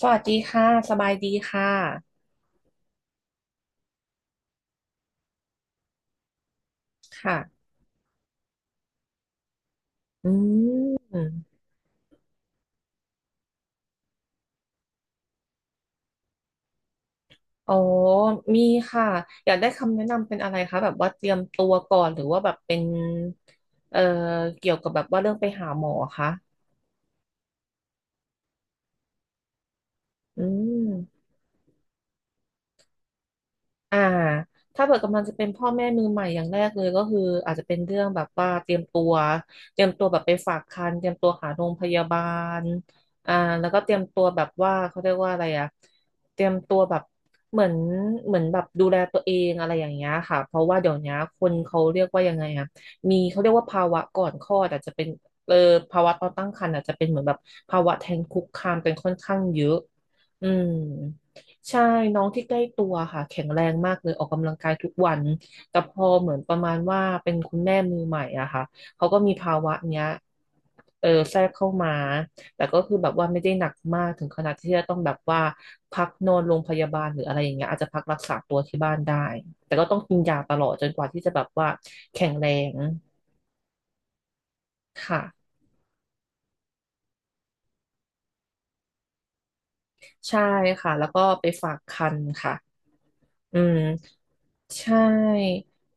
สวัสดีค่ะ สบายดีค่ะค่ะอืมอ๋อ มีค่ะ อยากได้คำแนะนำเป็นอะไรคะ แบบว่าเตรียมตัวก่อน หรือว่าแบบเป็น เอ่อเกี่ยวกับแบบว่าเรื่องไปหาหมอคะอืม อ่าถ้าเกิดกำลังจะเป็นพ่อแม่มือใหม่อย่างแรกเลยก็คืออาจจะเป็นเรื่องแบบว่าเตรียมตัวแบบไปฝากครรภ์เตรียมตัวหาโรงพยาบาลอ่าแล้วก็เตรียมตัวแบบว่าเขาเรียกว่าอะไรอะเตรียมตัวแบบเหมือนเหมือนแบบดูแลตัวเองอะไรอย่างเงี้ยค่ะเพราะว่าเดี๋ยวนี้คนเขาเรียกว่ายังไงอะมีเขาเรียกว่าภาวะก่อนคลอดอาจจะเป็นเออภาวะตอนตั้งครรภ์อาจจะเป็นเหมือนแบบภาวะแท้งคุกคามกันค่อนข้างเยอะอืม ใช่น้องที่ใกล้ตัวค่ะแข็งแรงมากเลยออกกำลังกายทุกวันแต่พอเหมือนประมาณว่าเป็นคุณแม่มือใหม่อะค่ะเขาก็มีภาวะเนี้ยแทรกเข้ามาแต่ก็คือแบบว่าไม่ได้หนักมากถึงขนาดที่จะต้องแบบว่าพักนอนโรงพยาบาลหรืออะไรอย่างเงี้ยอาจจะพักรักษาตัวที่บ้านได้แต่ก็ต้องกินยาตลอดจนกว่าที่จะแบบว่าแข็งแรงค่ะใช่ค่ะแล้วก็ไปฝากครรภ์ค่ะอืม ใช่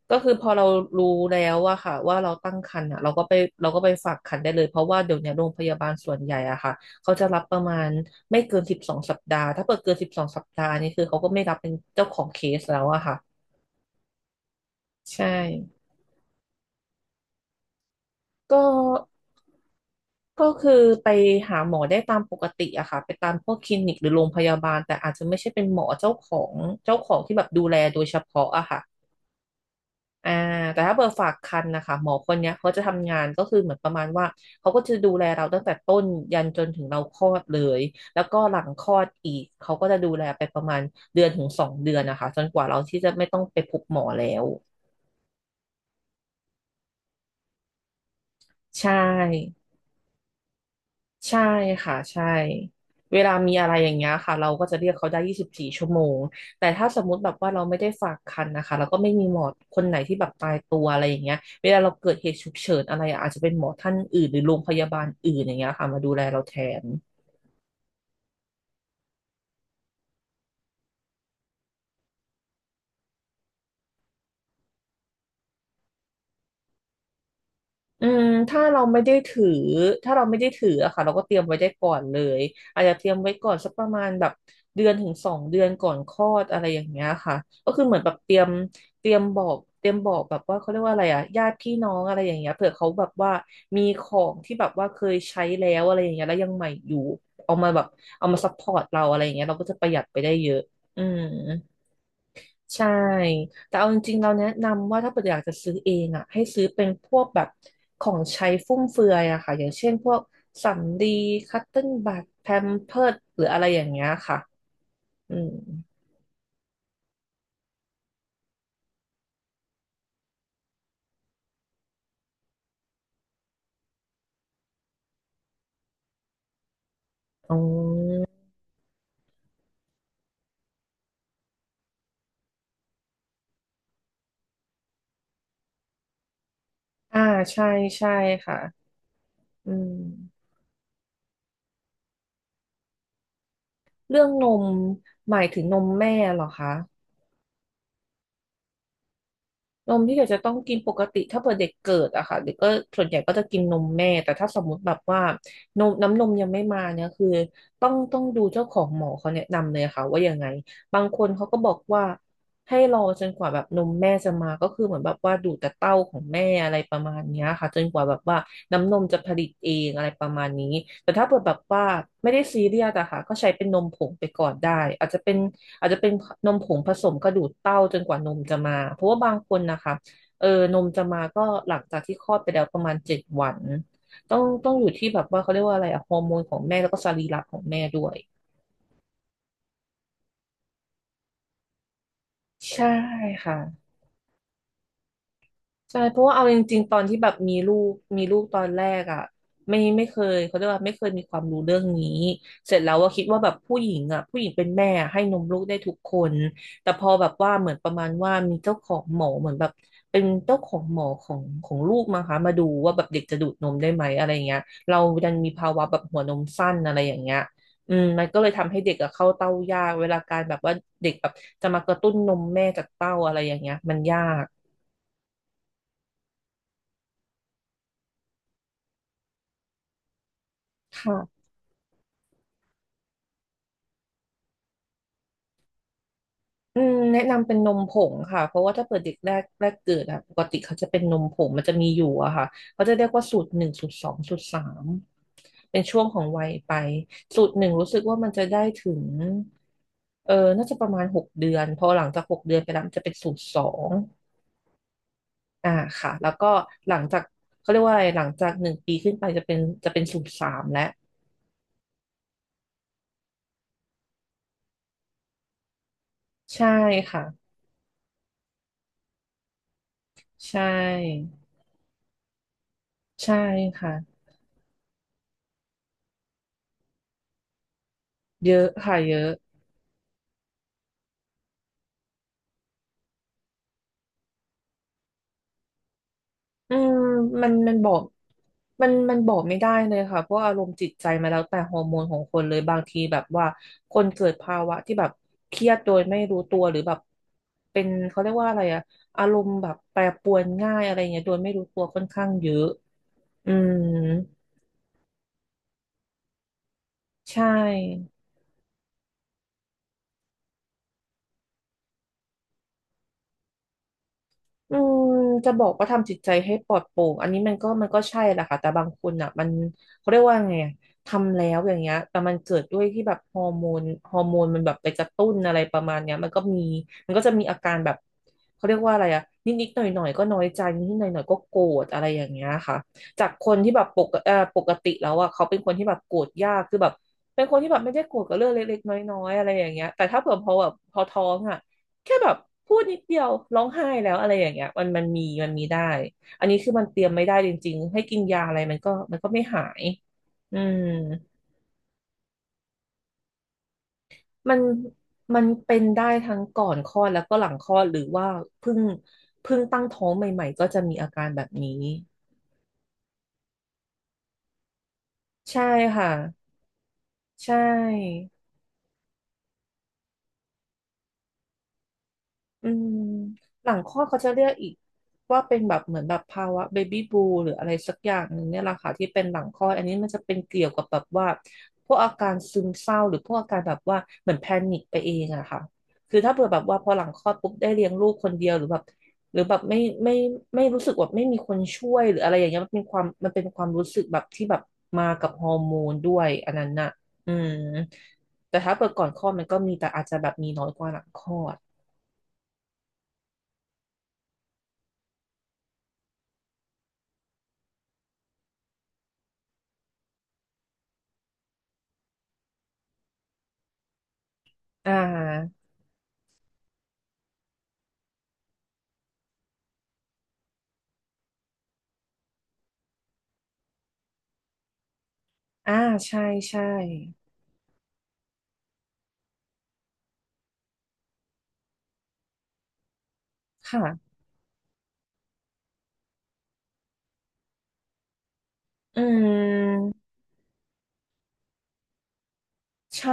ก็คือพอเรารู้แล้วว่าค่ะว่าเราตั้งครรภ์อ่ะเราก็ไปฝากครรภ์ได้เลยเพราะว่าเดี๋ยวเนี้ยโรงพยาบาลส่วนใหญ่อะค่ะเขาจะรับประมาณไม่เกินสิบสองสัปดาห์ถ้าเปิดเกินสิบสองสัปดาห์นี่คือเขาก็ไม่รับเป็นเจ้าของเคสแล้วอะค่ะใช่ก็ก็คือไปหาหมอได้ตามปกติอะค่ะไปตามพวกคลินิกหรือโรงพยาบาลแต่อาจจะไม่ใช่เป็นหมอเจ้าของที่แบบดูแลโดยเฉพาะอะค่ะ อ่าแต่ถ้าเบอร์ฝากครรภ์นะคะหมอคนเนี้ยเขาจะทำงานก็คือเหมือนประมาณว่าเขาก็จะดูแลเราตั้งแต่ต้นยันจนถึงเราคลอดเลยแล้วก็หลังคลอดอีกเขาก็จะดูแลไปประมาณเดือนถึงสองเดือนนะคะจนกว่าเราที่จะไม่ต้องไปพบหมอแล้วใช่ ใช่ค่ะใช่เวลามีอะไรอย่างเงี้ยค่ะเราก็จะเรียกเขาได้24 ชั่วโมงแต่ถ้าสมมุติแบบว่าเราไม่ได้ฝากครรภ์นะคะแล้วก็ไม่มีหมอคนไหนที่แบบตายตัวอะไรอย่างเงี้ยเวลาเราเกิดเหตุฉุกเฉินอะไรอะอาจจะเป็นหมอท่านอื่นหรือโรงพยาบาลอื่นอย่างเงี้ยค่ะมาดูแลเราแทน อืมถ้าเราไม่ได้ถือถ้าเราไม่ได้ถืออะค่ะเราก็เตรียมไว้ได้ก่อนเลยอาจจะเตรียมไว้ก่อนสักประมาณแบบเดือนถึงสองเดือนก่อนคลอดอะไรอย่างเงี้ยค่ะก็คือเหมือนแบบเตรียมเตรียมบอกแบบว่าเขาเรียกว่าอะไรอะญาติพี่น้องอะไรอย่างเงี้ยเผื่อเขาแบบว่ามีของที่แบบว่าเคยใช้แล้วอะไรอย่างเงี้ยแล้วยังใหม่อยู่เอามาแบบเอามาซัพพอร์ตเราอะไรอย่างเงี้ยเราก็จะประหยัดไปได้เยอะอืม ใช่ แต่เอาจริงๆเราแนะนำว่าถ้าเกิดอยากจะซื้อเองอ่ะให้ซื้อเป็นพวกแบบของใช้ฟุ่มเฟือยอะค่ะ อย่างเช่นพวกสำลีคัตเติ้ลบัดแพมเพิร์สหรืออะไรอย่างเงี้ยค่ะอืมอ๋ออ่าใช่ใช่ค่ะอืมเรื่องนมหมายถึงนมแม่เหรอคะ นมที่เด็กจะต้องกินปกติถ้าเผื่อเด็กเกิดอะค่ะเด็กก็ส่วนใหญ่ก็จะกินนมแม่แต่ถ้าสมมุติแบบว่านมน้ำนมยังไม่มาเนี่ยคือต้องดูเจ้าของหมอเขาแนะนำเลยค่ะว่ายังไงบางคนเขาก็บอกว่าให้รอจนกว่าแบบนมแม่จะมาก็คือเหมือนแบบว่าดูดแต่เต้าของแม่อะไรประมาณเนี้ยค่ะจนกว่าแบบว่าน้ำนมจะผลิตเองอะไรประมาณนี้แต่ถ้าเผื่อแบบว่าไม่ได้ซีเรียสอะค่ะก็ใช้เป็นนมผงไปก่อนได้อาจจะเป็น อาจจะเป็นนมผงผสมกระดูกเต้าจนกว่านมจะมา เพราะว่าบางคนนะคะเออนมจะมาก็หลังจากที่คลอดไปแล้วประมาณ7 วันต้องอยู่ที่แบบว่าเขาเรียกว่าอะไรอะฮอร์โมนของแม่แล้วก็สรีระของแม่ด้วยใช่ค่ะ ใช่เพราะว่าเอาจริงๆตอนที่แบบมีลูกตอนแรกอ่ะไม่เคยเขาเรียกว่าไม่เคยมีความรู้เรื่องนี้เสร็จแล้วว่าคิดว่าแบบผู้หญิงอ่ะผู้หญิงเป็นแม่อะให้นมลูกได้ทุกคนแต่พอแบบว่าเหมือนประมาณว่ามีเจ้าของหมอเหมือนแบบเป็นเจ้าของหมอของลูกมั้งคะมาดูว่าแบบเด็กจะดูดนมได้ไหมอะไรอย่างเงี้ยเราดันมีภาวะแบบหัวนมสั้นอะไรอย่างเงี้ยอืมมันก็เลยทำให้เด็กอะเข้าเต้ายากเวลาการแบบว่าเด็กแบบจะมากระตุ้นนมแม่จากเต้าอะไรอย่างเงี้ยมันยากค่ะ อืมแนะนำเป็นนมผงค่ะเพราะว่าถ้าเปิดเด็กแรกเกิดอะปกติเขาจะเป็นนมผงมันจะมีอยู่อะค่ะเขาจะเรียกว่าสูตรหนึ่งสูตรสองสูตรสามเป็นช่วงของวัยไปสูตรหนึ่งรู้สึกว่ามันจะได้ถึงเออน่าจะประมาณหกเดือนพอหลังจากหกเดือนไปแล้วมันจะเป็นสูตรสองอ่าค่ะแล้วก็หลังจากเขาเรียกว่าอะไรหลังจาก1 ปีขึ้นไปจะเป็นจะเป็นสูตรสามแล้วใช่ค่ะใช่ใช่ค่ะเยอะค่ะเยอะ อืมมันบอกมันบอกไม่ได้เลยค่ะเพราะอารมณ์จิตใจมาแล้วแต่ฮอร์โมนของคนเลยบางทีแบบว่าคนเกิดภาวะที่แบบเครียดโดยไม่รู้ตัวหรือแบบเป็นเขาเรียกว่าอะไรอะอารมณ์แบบแปรปรวนง่ายอะไรเงี้ยโดยไม่รู้ตัวค่อนข้างเยอะอืมใช่ อืมจะบอกว่าทำจิตใจให้ปลอดโปร่งอันนี้มันก็ใช่แหละค่ะแต่บางคนอ่ะมันเขาเรียกว่าไงอะทำแล้วอย่างเงี้ยแต่มันเกิดด้วยที่แบบฮอร์โมนมันแบบไปกระตุ้นอะไรประมาณเนี้ยมันก็มีมันก็จะมีอาการแบบเขาเรียกว่าอะไรอ่ะนิดๆหน่อยๆก็น้อยใจนิดๆหน่อยๆก็โกรธอะไรอย่างเงี้ยค่ะจากคนที่แบบปกติแล้วอ่ะเขาเป็นคนที่แบบโกรธยากคือแบบเป็นคนที่แบบไม่ได้โกรธกับเรื่องเล็กๆน้อยๆอะไรอย่างเงี้ยแต่ถ้าเผื่อพอแบบพอท้องอ่ะ แค่แบบพูดนิดเดียวร้องไห้แล้วอะไรอย่างเงี้ยมันมีได้อันนี้คือมันเตรียมไม่ได้จริงๆให้กินยาอะไรมันก็ไม่หายอืมมันมันเป็นได้ทั้งก่อนคลอดแล้วก็หลังคลอดหรือว่าเพิ่งเพิ่งตั้งท้องใหม่ๆก็จะมีอาการแบบนี้ใช่ค่ะใช่ อืมหลังคลอดเขาจะเรียกอีกว่าเป็นแบบเหมือนแบบภาวะเบบี้บูหรืออะไรสักอย่างหนึ่งเนี่ยแหละค่ะที่เป็นหลังคลอดอันนี้มันจะเป็นเกี่ยวกับแบบว่าพวกอาการซึมเศร้าหรือพวกอาการแบบว่าเหมือนแพนิคไปเองอะค่ะคือถ้าเผื่อแบบว่าพอหลังคลอดปุ๊บได้เลี้ยงลูกคนเดียวหรือแบบหรือแบบไม่ไม่รู้สึกว่าไม่มีคนช่วยหรืออะไรอย่างเงี้ยมันเป็นความมันเป็นความรู้สึกแบบที่แบบมากับฮอร์โมนด้วยอันนั้นน่ะอืมแต่ถ้าเปิดก่อนคลอดมันก็มีแต่อาจจะแบบมีน้อยกว่าหลังคลอดอ่า อ่าใช่ใช่ค่ะอืมใช่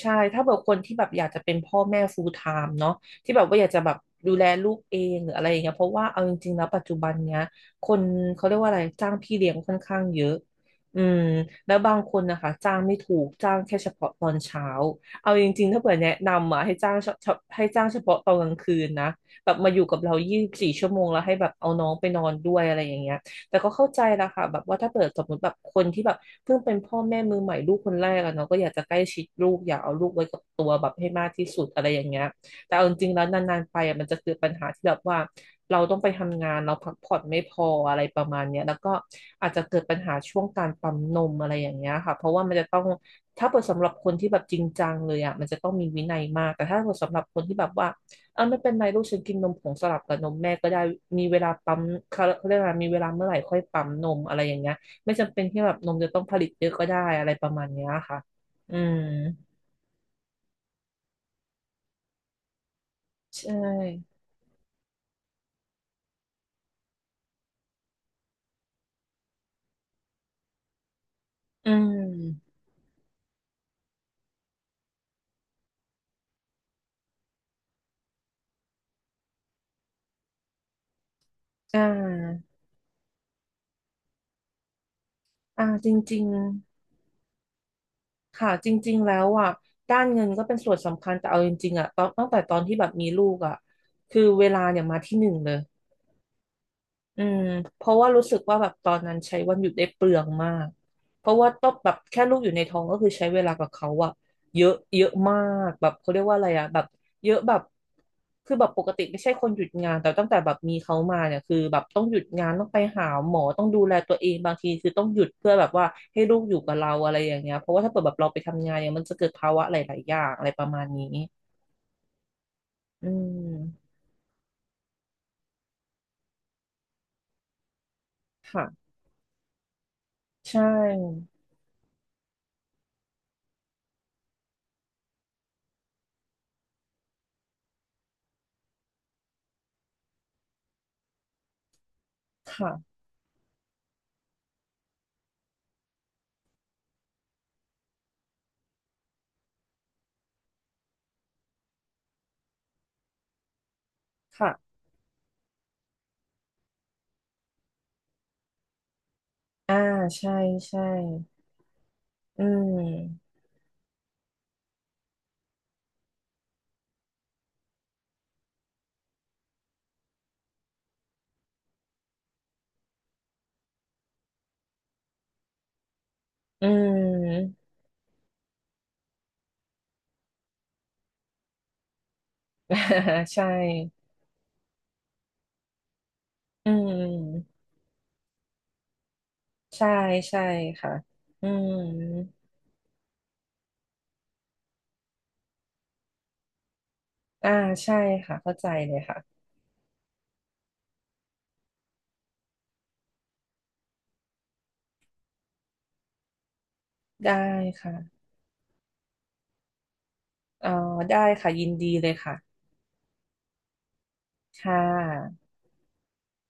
ใช่ถ้าแบบคนที่แบบอยากจะเป็นพ่อแม่ full time เนาะที่แบบว่าอยากจะแบบดูแลลูกเองหรืออะไรอย่างเงี้ยเพราะว่าเอาจริงๆแล้วปัจจุบันเนี้ยคนเขาเรียกว่าอะไรจ้างพี่เลี้ยงค่อนข้างเยอะอืมแล้วบางคนนะคะจ้างไม่ถูกจ้างแค่เฉพาะตอนเช้าเอาจริงๆถ้าเผื่อแนะนำอ่ะให้จ้างเฉพาะตอนกลางคืนนะแบบมาอยู่กับเรา24 ชั่วโมงแล้วให้แบบเอาน้องไปนอนด้วยอะไรอย่างเงี้ย แต่ก็เข้าใจนะคะแบบว่าถ้าเปิดสมมติแบบคนที่แบบเพิ่งเป็นพ่อแม่มือใหม่ลูกคนแรกอะเนาะก็อยากจะใกล้ชิดลูกอยากเอาลูกไว้กับตัวแบบให้มากที่สุดอะไรอย่างเงี้ยแต่เอาจริงๆแล้วนานๆไปอะมันจะเกิดปัญหาที่แบบว่าเราต้องไปทำงานเราพักผ่อนไม่พออะไรประมาณเนี้ยแล้วก็อาจจะเกิดปัญหาช่วงการปั๊มนมอะไรอย่างเงี้ยค่ะเพราะว่ามันจะต้องถ้าเปิดสำหรับคนที่แบบจริงจังเลยอ่ะมันจะต้องมีวินัยมากแต่ถ้าเปิดสำหรับคนที่แบบว่า ออาไม่เป็นไรลูกฉันกินนมผงสลับกับนมแม่ก็ได้มีเวลาปั๊มเขาเรียกว่ามีเวลาเมื่อไหร่ค่อยปั๊มนมอะไรอย่างเงี้ยไม่จำเป็นที่แบบนมจะต้องผลิตเยอะก็ได้อะไรประมาณเนี้ยค่ะอืมใช่อืมอ่าอ่าจริงๆค่ะจริงๆแล้วอ่ะด้านเงินก็เป็นส่วนสำคัญแต่เอาจริงๆอ่ะตอนตั้งแต่ตอนที่แบบมีลูกอ่ะคือเวลาเนี่ยมาที่หนึ่งเลย อืมเพราะว่ารู้สึกว่าแบบตอนนั้นใช้วันหยุดได้เปลืองมากเพราะว่าต้องแบบแค่ลูกอยู่ในท้องก็คือใช้เวลากับเขาอะเยอะเยอะมากแบบเขาเรียกว่าอะไรอะแบบเยอะแบบคือแบบปกติไม่ใช่คนหยุดงานแต่ตั้งแต่แบบมีเขามาเนี่ยคือแบบต้องหยุดงานต้องไปหาหมอต้องดูแลตัวเองบางทีคือต้องหยุดเพื่อแบบว่าให้ลูกอยู่กับเราอะไรอย่างเงี้ยเพราะว่าถ้าเปิดแบบเราไปทำงานเนี่ยมันจะเกิดภาวะหลายๆอย่างอะไรประมาณนี้อืมค่ะใช่ค่ะค่ะอ่าใช่ใช่ อืม อืม ใช่อืมใช่ ใช่ ค่ะอืมอ่าใช่ค่ะเข้าใจเลยค่ะได้ค่ะอ๋อได้ค่ะยินดีเลยค่ะค่ะ